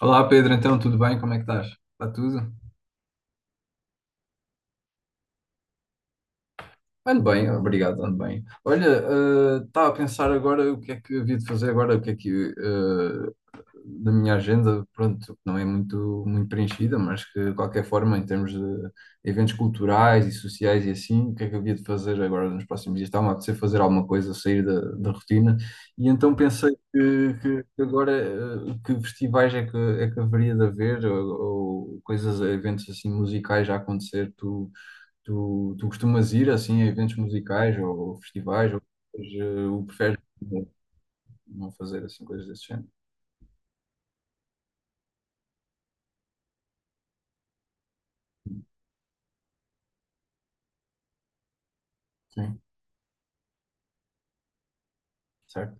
Olá Pedro, então tudo bem? Como é que estás? Está tudo? Ando bem, obrigado, ando bem. Olha, estava a pensar agora o que é que havia de fazer agora, o que é que eh, da minha agenda, pronto, não é muito preenchida, mas que de qualquer forma, em termos de eventos culturais e sociais e assim, o que é que eu havia de fazer agora nos próximos dias? Estava a apetecer fazer alguma coisa, sair da rotina, e então pensei que agora que festivais é que haveria de haver, ou coisas, eventos assim musicais já a acontecer. Tu costumas ir assim a eventos musicais ou festivais, ou, eh, o preferes não fazer assim coisas desse género? Sim, certo?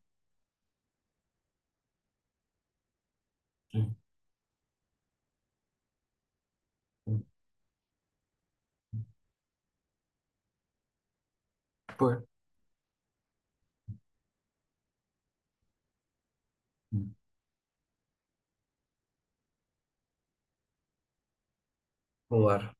Sim. Pois, claro.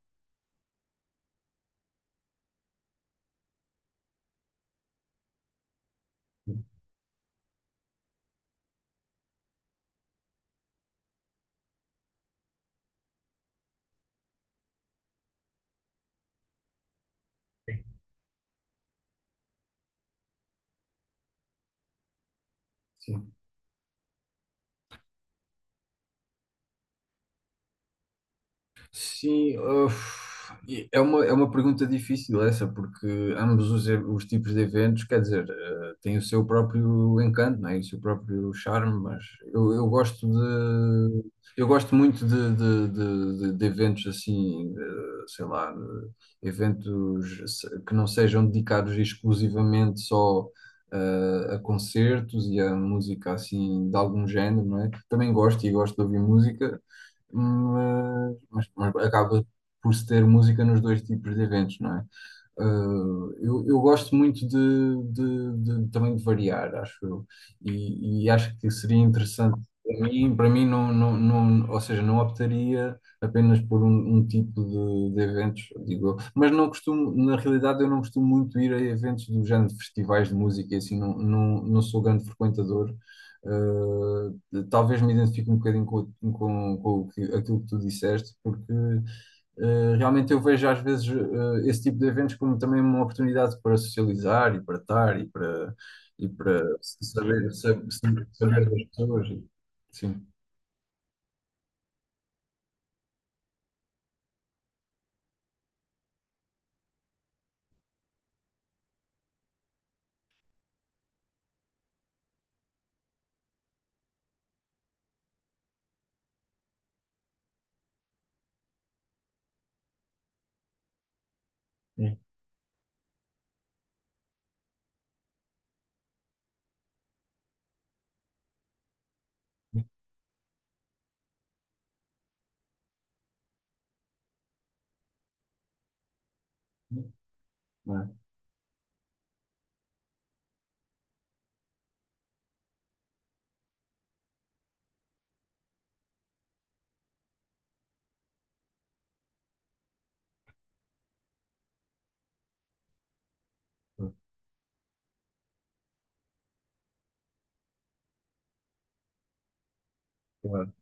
Sim. Sim, uf, e é é uma pergunta difícil essa, porque ambos os tipos de eventos, quer dizer, têm o seu próprio encanto, não é? E o seu próprio charme, mas eu gosto de. Eu gosto muito de eventos assim, eh, sei lá, de eventos se- que não sejam dedicados exclusivamente só a concertos e a música assim de algum género, não é? Também gosto e gosto de ouvir música, mas, mas acaba por se ter música nos dois tipos de eventos, não é? Eu gosto muito também de variar, acho eu, e acho que seria interessante para mim não, ou seja, não optaria apenas por um tipo de eventos, digo eu, mas não costumo, na realidade eu não costumo muito ir a eventos do género de festivais de música e assim, não sou grande frequentador. Uh, talvez me identifique um bocadinho com o aquilo que tu disseste, porque realmente eu vejo às vezes esse tipo de eventos como também uma oportunidade para socializar e para estar e para saber, saber das pessoas. Sim. É. É? Claro.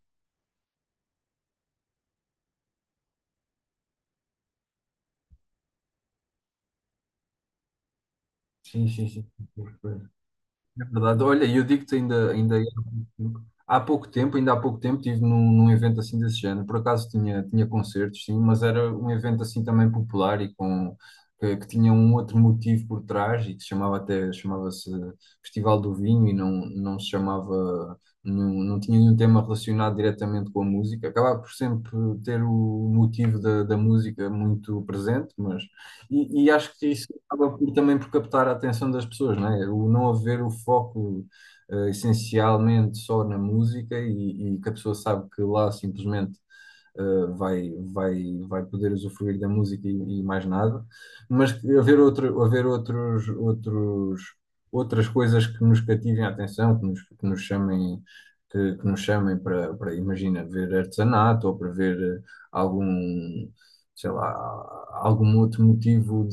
Sim, sim, sim. É verdade. Olha, eu digo-te ainda, ainda há pouco tempo estive num, num evento assim desse género. Por acaso tinha, tinha concertos, sim, mas era um evento assim também popular e com, que tinha um outro motivo por trás e que se chamava até, chamava-se Festival do Vinho e não se chamava, não tinha nenhum tema relacionado diretamente com a música. Acabava por sempre ter o motivo da música muito presente, mas, e acho que isso acaba por, também por captar a atenção das pessoas, não é? O não haver o foco essencialmente só na música e que a pessoa sabe que lá simplesmente vai poder usufruir da música e mais nada, mas haver outros, outras coisas que nos cativem a atenção, que nos chamem. Que nos chamem para, para, imagina, ver artesanato ou para ver algum, sei lá, algum outro motivo de,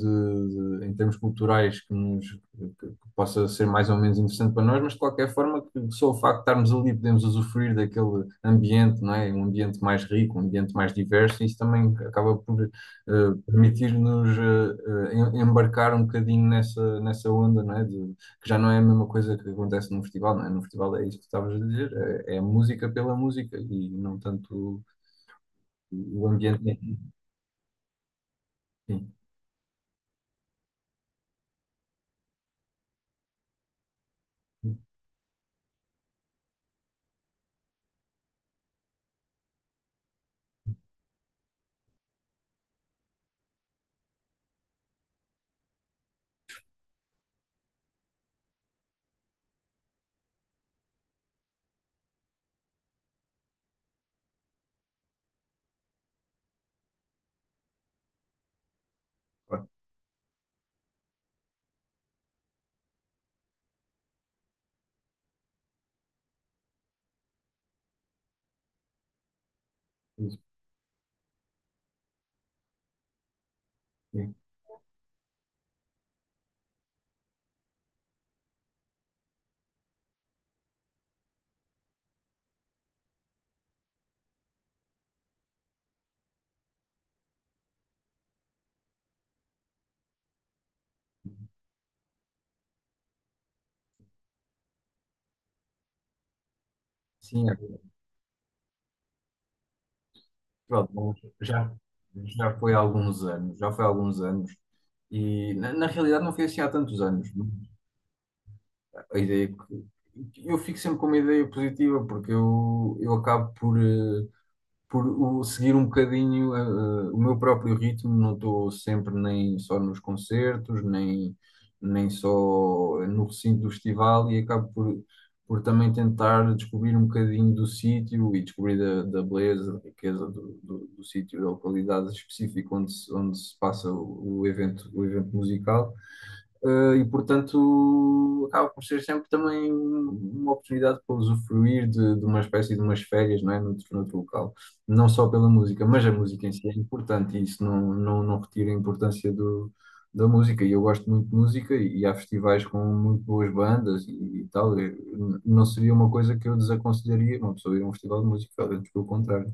de- em termos culturais que possa ser mais ou menos interessante para nós, mas de qualquer forma só o facto de estarmos ali podemos usufruir daquele ambiente, não é? Um ambiente mais rico, um ambiente mais diverso, e isso também acaba por permitir-nos embarcar um bocadinho nessa onda, não é? Que já não é a mesma coisa que acontece no festival, não é? No festival é isso que estavas a dizer, é, é a música pela música e não tanto o ambiente. Sim, claro, sim, sim, é festival, bom, já, já foi há alguns anos, já foi há alguns anos. E na realidade não foi assim há tantos anos. A ideia que eu fico sempre com uma ideia positiva porque eu acabo por, eh, por seguir um bocadinho o meu próprio ritmo, não estou sempre nem só nos concertos, nem, nem só no recinto do festival e acabo por também tentar descobrir um bocadinho do sítio e descobrir da beleza, da riqueza do sítio, da localidade específica onde se passa o evento musical. E portanto acaba por ser sempre também uma oportunidade para usufruir de uma espécie de umas férias, não é? Noutro, noutro local. Não só pela música, mas a música em si é importante e isso não retira a importância do, da música. E eu gosto muito de música e há festivais com muito boas bandas e tal. Não seria uma coisa que eu desaconselharia uma pessoa ir a um festival de música, antes pelo contrário.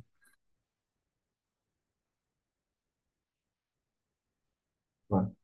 Claro.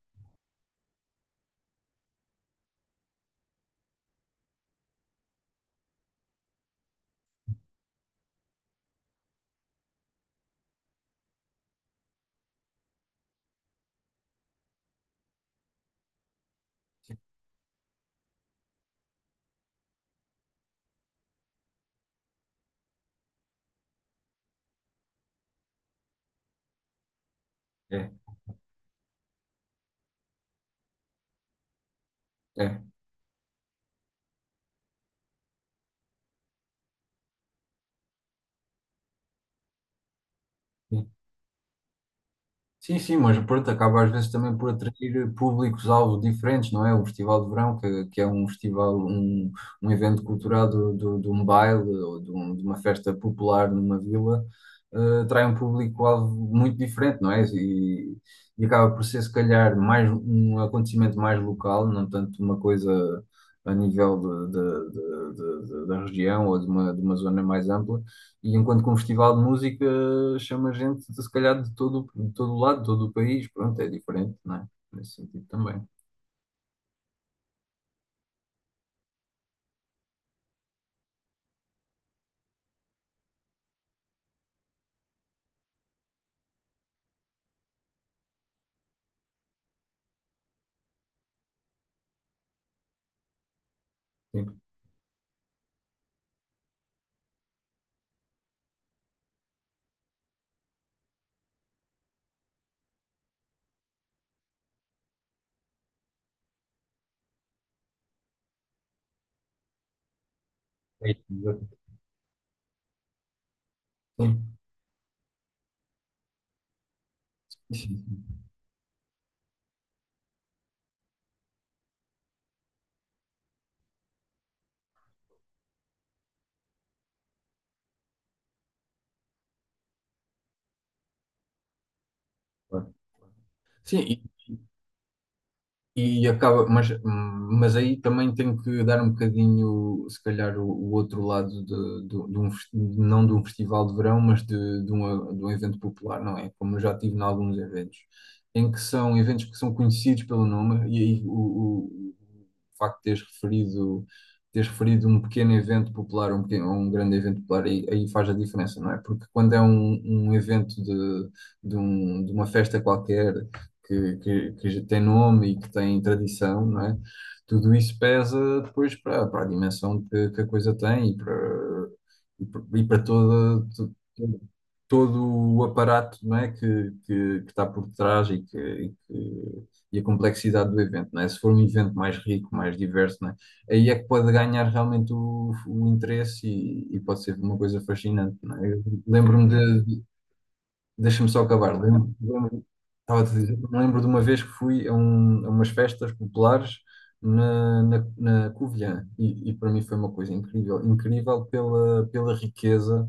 É, é. É. Sim, sim, mas pronto, acaba às vezes também por atrair públicos-alvo diferentes, não é? O Festival de Verão, que é um festival, um evento cultural de um baile ou de, de uma festa popular numa vila, eh, atrai um público-alvo muito diferente, não é? E acaba por ser, se calhar, mais um acontecimento mais local, não tanto uma coisa a nível da região ou de uma zona mais ampla. E enquanto que um festival de música chama gente, de, se calhar, de todo o lado, de todo o país, pronto, é diferente, não é? Nesse sentido também. Sim, é isso, exato. Sim, sim, claro. Sim, e acaba, mas aí também tenho que dar um bocadinho, se calhar, o outro lado de, de um, não de um festival de verão, mas de um evento popular, não é? Como eu já tive em alguns eventos, em que são eventos que são conhecidos pelo nome, e aí o facto de teres referido um pequeno evento popular, um, pequeno, um grande evento popular, aí faz a diferença, não é? Porque quando é um, um evento de uma festa qualquer que já tem nome e que tem tradição, não é? Tudo isso pesa depois para, para a dimensão que a coisa tem e para, e para, e para toda, todo o aparato, não é? Que está por trás e, e a complexidade do evento, não é? Se for um evento mais rico, mais diverso, não é? Aí é que pode ganhar realmente o interesse e pode ser uma coisa fascinante, não é? Eu lembro-me de, deixa-me só acabar. Lembro- estava a te dizer, me lembro de uma vez que fui a, a umas festas populares na Covilhã e para mim foi uma coisa incrível, incrível pela riqueza,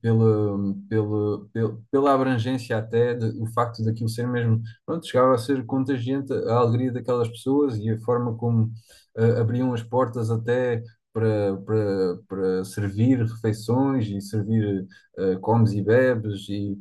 pela, pela abrangência até, de, o facto daquilo ser mesmo, pronto, chegava a ser contagiante a alegria daquelas pessoas e a forma como abriam as portas até para, para servir refeições e servir comes e bebes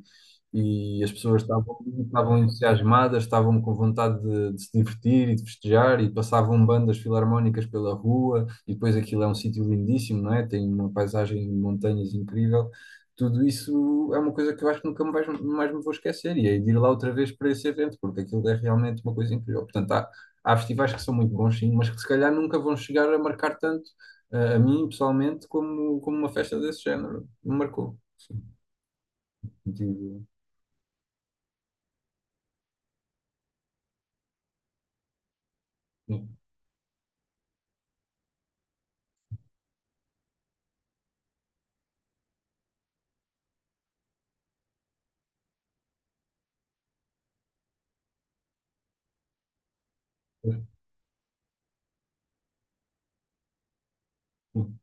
e as pessoas estavam entusiasmadas, estavam com vontade de se divertir e de festejar, e passavam bandas filarmónicas pela rua, e depois aquilo é um sítio lindíssimo, não é? Tem uma paisagem de montanhas incrível. Tudo isso é uma coisa que eu acho que nunca mais me vou esquecer, e é de ir lá outra vez para esse evento, porque aquilo é realmente uma coisa incrível. Portanto, há, há festivais que são muito bons, sim, mas que se calhar nunca vão chegar a marcar tanto. A mim, pessoalmente, como uma festa desse género, me marcou. Sim. Tive- sim.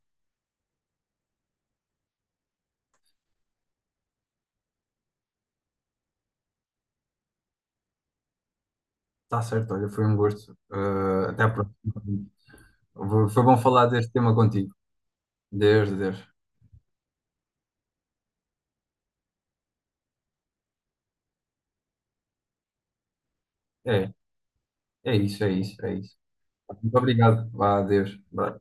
Está certo, olha, foi um gosto. Eh, até à próxima. Foi bom falar deste tema contigo. Deus, Deus. É, é isso, é isso, é isso. Muito obrigado. Vá, adeus. Vá.